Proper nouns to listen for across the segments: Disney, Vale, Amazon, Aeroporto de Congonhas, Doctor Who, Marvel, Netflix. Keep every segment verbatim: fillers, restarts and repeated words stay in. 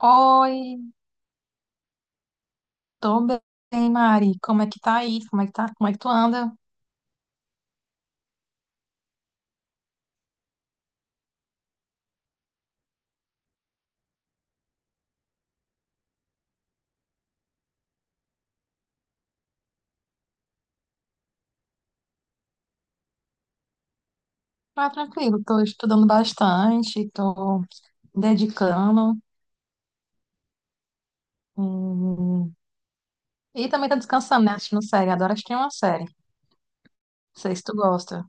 Oi, tô bem, Mari. Como é que tá aí? Como é que tá? Como é que tu anda? Ah, tranquilo, tô estudando bastante, tô dedicando. hum, E também tô descansando, né? Assistindo série. Adoro assistir uma série. Não sei se tu gosta.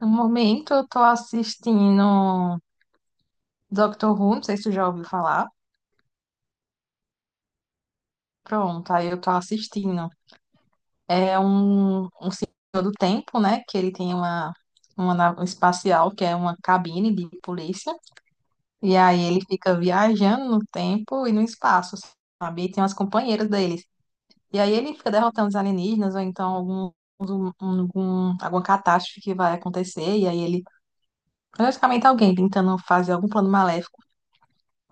No momento eu tô assistindo Doctor Who, não sei se tu já ouviu falar. Pronto, aí eu tô assistindo. É um todo tempo, né? Que ele tem uma, uma nave espacial, que é uma cabine de polícia. E aí ele fica viajando no tempo e no espaço, sabe? E tem umas companheiras deles. E aí ele fica derrotando os alienígenas, ou então algum, um- um, algum, alguma catástrofe que vai acontecer. E aí ele, praticamente alguém tentando fazer algum plano maléfico.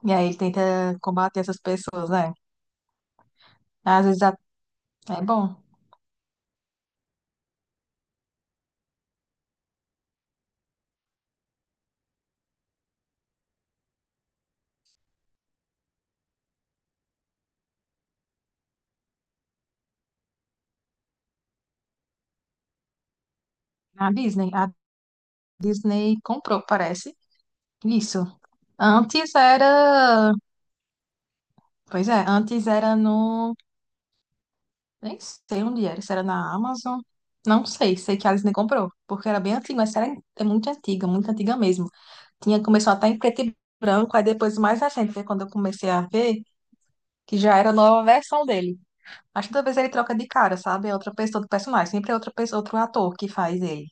E aí ele tenta combater essas pessoas, né? Às vezes a- é bom. A Disney, a Disney comprou, parece. Isso. Antes era. Pois é, antes era no. Nem sei onde era, se era na Amazon. Não sei, sei que a Disney comprou, porque era bem antiga, mas era, é muito antiga, muito antiga mesmo. Tinha, começou até em preto e branco, aí depois o mais recente, foi quando eu comecei a ver, que já era a nova versão dele. Mas toda vez ele troca de cara, sabe? É outra pessoa do personagem, sempre é outra pessoa, outro ator que faz ele.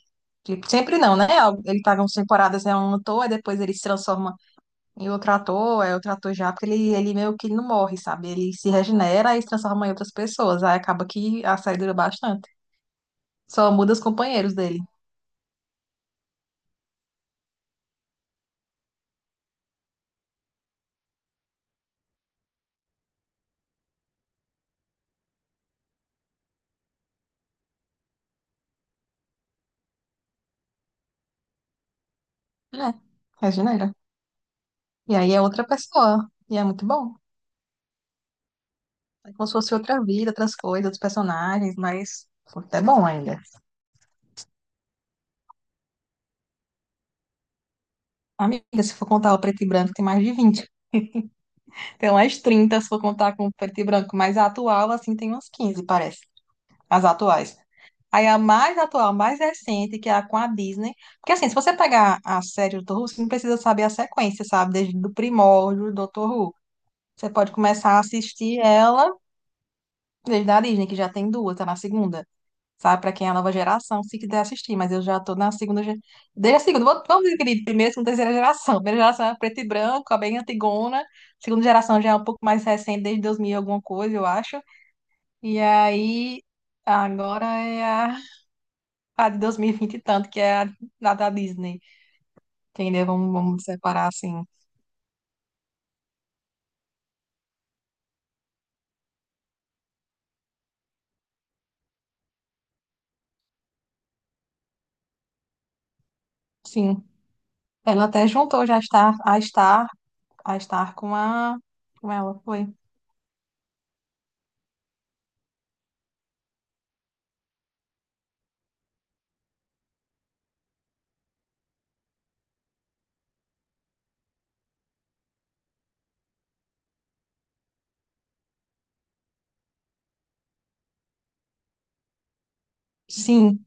Tipo, sempre não, né? Ele paga umas temporadas, é um ator, aí depois ele se transforma e o trator é o trator já, porque ele, ele meio que não morre, sabe? Ele se regenera e se transforma em outras pessoas. Aí acaba que a série dura bastante. Só muda os companheiros dele. É, regenera. E aí é outra pessoa. E é muito bom. É como se fosse outra vida, outras coisas, outros personagens, mas é bom ainda. Amiga, se for contar o preto e branco, tem mais de vinte. Tem umas trinta se for contar com o preto e branco, mas a atual, assim, tem umas quinze parece. As atuais. Aí a mais atual, a mais recente, que é a com a Disney. Porque assim, se você pegar a série do doutor Who, você não precisa saber a sequência, sabe? Desde do primórdio do doutor Who. Você pode começar a assistir ela desde a Disney, que já tem duas, tá na segunda. Sabe? Pra quem é a nova geração, se quiser assistir. Mas eu já tô na segunda. ge- Desde a segunda, vou- vamos dizer, querido, primeira, segunda, terceira geração. Primeira geração é preto e branco, é bem antigona. Segunda geração já é um pouco mais recente, desde dois mil e alguma coisa, eu acho. E aí, agora é a a de dois mil e vinte e vinte e tanto, que é a da da Disney, entendeu? Vamos, vamos separar assim. Sim, ela até juntou já estar a estar a estar com a com ela foi. Sim,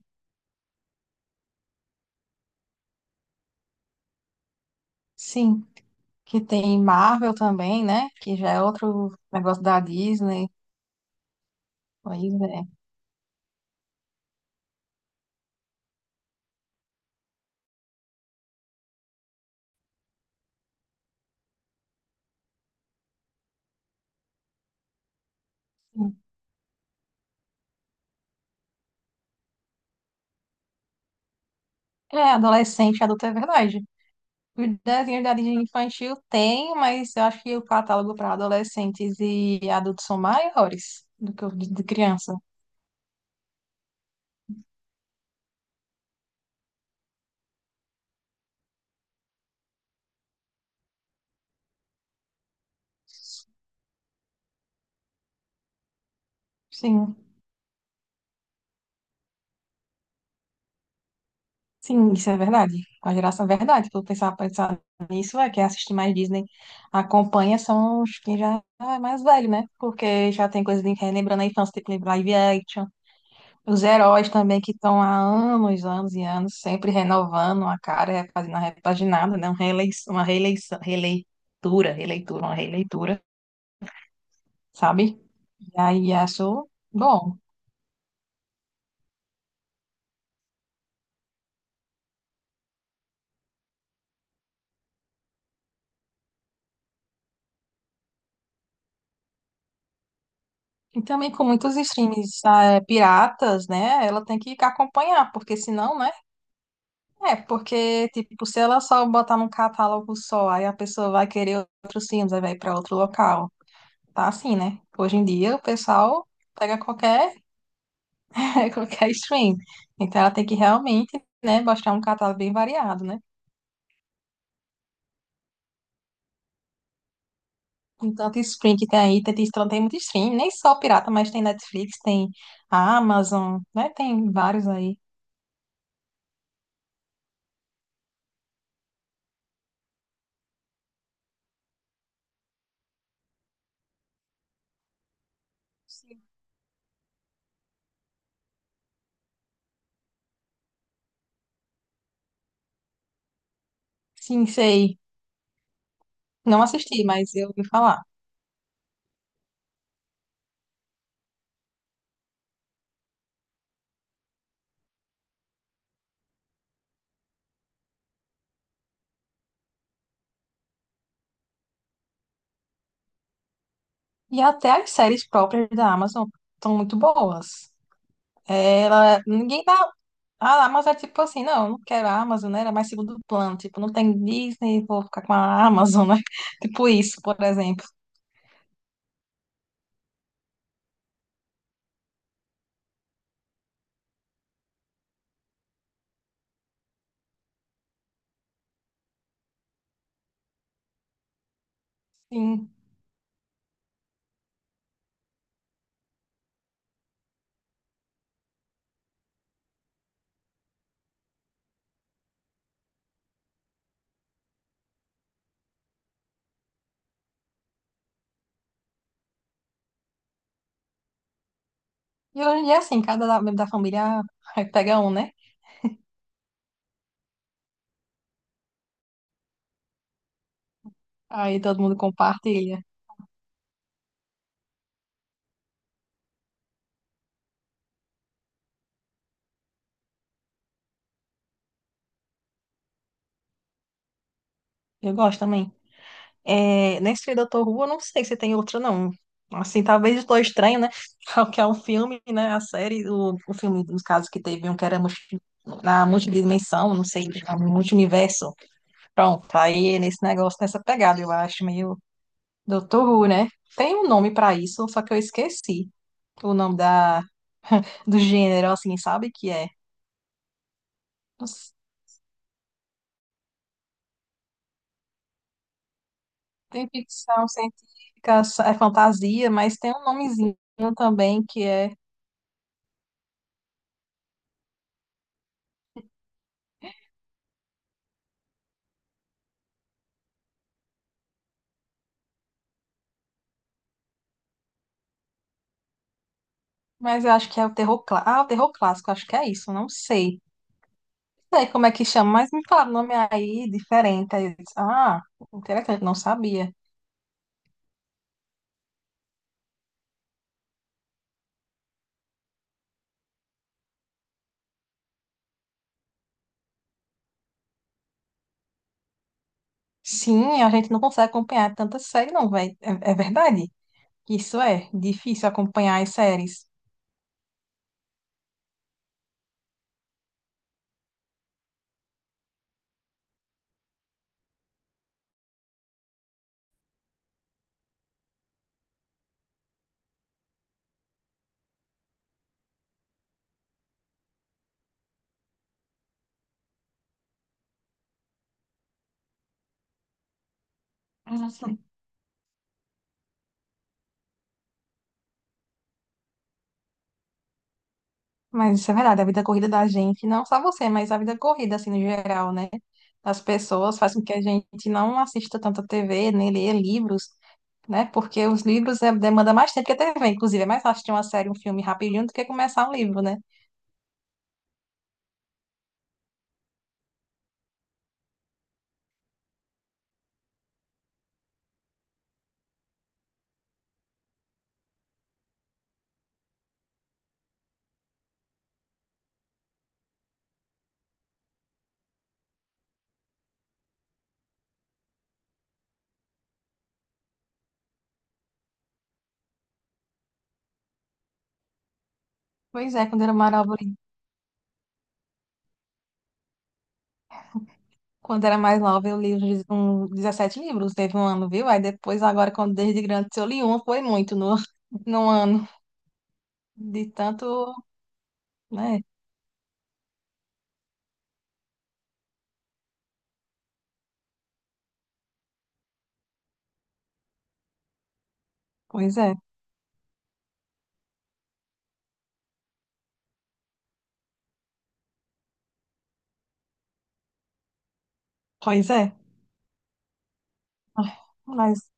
sim, que tem Marvel também, né? Que já é outro negócio da Disney. Pois é. É, adolescente, adulto é verdade. Os desenhos da Disney infantil tem, mas eu acho que o catálogo para adolescentes e adultos são maiores do que o de de criança. Sim. Sim, isso é verdade. A geração é verdade. Tu pensar, pensar nisso é que assiste mais Disney. Acompanha são os que já é mais velho, né? Porque já tem coisa de relembrando a infância, tipo live action. Os heróis também que estão há anos, anos e anos, sempre renovando a cara, é, fazendo a repaginada, né? Uma reeleição, uma reeleição, releitura, releitura, uma releitura, sabe? E aí acho bom. E também com muitos streams, ah, é, piratas, né? Ela tem que acompanhar, porque senão, né? É, porque, tipo, se ela só botar num catálogo só, aí a pessoa vai querer outros filmes, aí vai pra outro local. Tá assim, né? Hoje em dia o pessoal pega qualquer, qualquer stream. Então ela tem que realmente, né, mostrar um catálogo bem variado, né? Com tanto stream que tem aí, tem, tem, tem muito stream, nem só pirata, mas tem Netflix, tem a Amazon, né? Tem vários aí. Sim, sim, sei. Não assisti, mas eu ouvi falar. E até as séries próprias da Amazon são muito boas. Ela, ninguém dá. A Amazon é tipo assim, não, eu não quero a Amazon, né? Era mais segundo plano. Tipo, não tem Disney, vou ficar com a Amazon, né? Tipo isso, por exemplo. Sim. E hoje em dia, assim, cada da- membro da família aí pega um, né? Aí todo mundo compartilha. Eu gosto também. É, nesse Doutor Who, eu não sei se tem outro, não. Assim, talvez estou Estranho, né? Que é um filme, né? A série, o, o filme, nos casos que teve um que era multi- na multidimensão, não sei, multiverso. Pronto, aí é nesse negócio, nessa pegada, eu acho, meio Doutor Who, né? Tem um nome pra isso, só que eu esqueci o nome da, do gênero, assim, sabe que é? Não sei. Tem ficção científica, é fantasia, mas tem um nomezinho também que é. Mas eu acho que é o terror clássico. Ah, o terror clássico, acho que é isso, não sei. Não sei como é que chama, mas me fala o nome aí diferente. Aí eu disse, ah, interessante, não sabia. Sim, a gente não consegue acompanhar tanta série, não, velho. É, é verdade. Isso é difícil acompanhar as séries. Nossa. Mas isso é verdade, a vida corrida da gente, não só você, mas a vida corrida, assim, no geral, né? Das pessoas faz com que a gente não assista tanto a T V, nem leia livros, né? Porque os livros é, demanda mais tempo que a T V, inclusive. É mais fácil assistir uma série, um filme rapidinho do que começar um livro, né? Pois é, quando eu era mais nova, quando eu era mais nova, eu li uns dez- um, dezessete livros, teve um ano, viu? Aí depois, agora, quando desde grande, se eu li um, foi muito no, no ano, de tanto, né? Pois é. Pois é. Ai, mas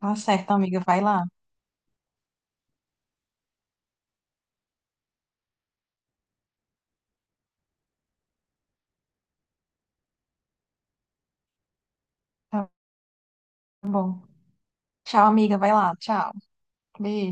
tá certo, amiga. Vai lá. Tá bom. Tchau, amiga. Vai lá. Tchau. Beijo.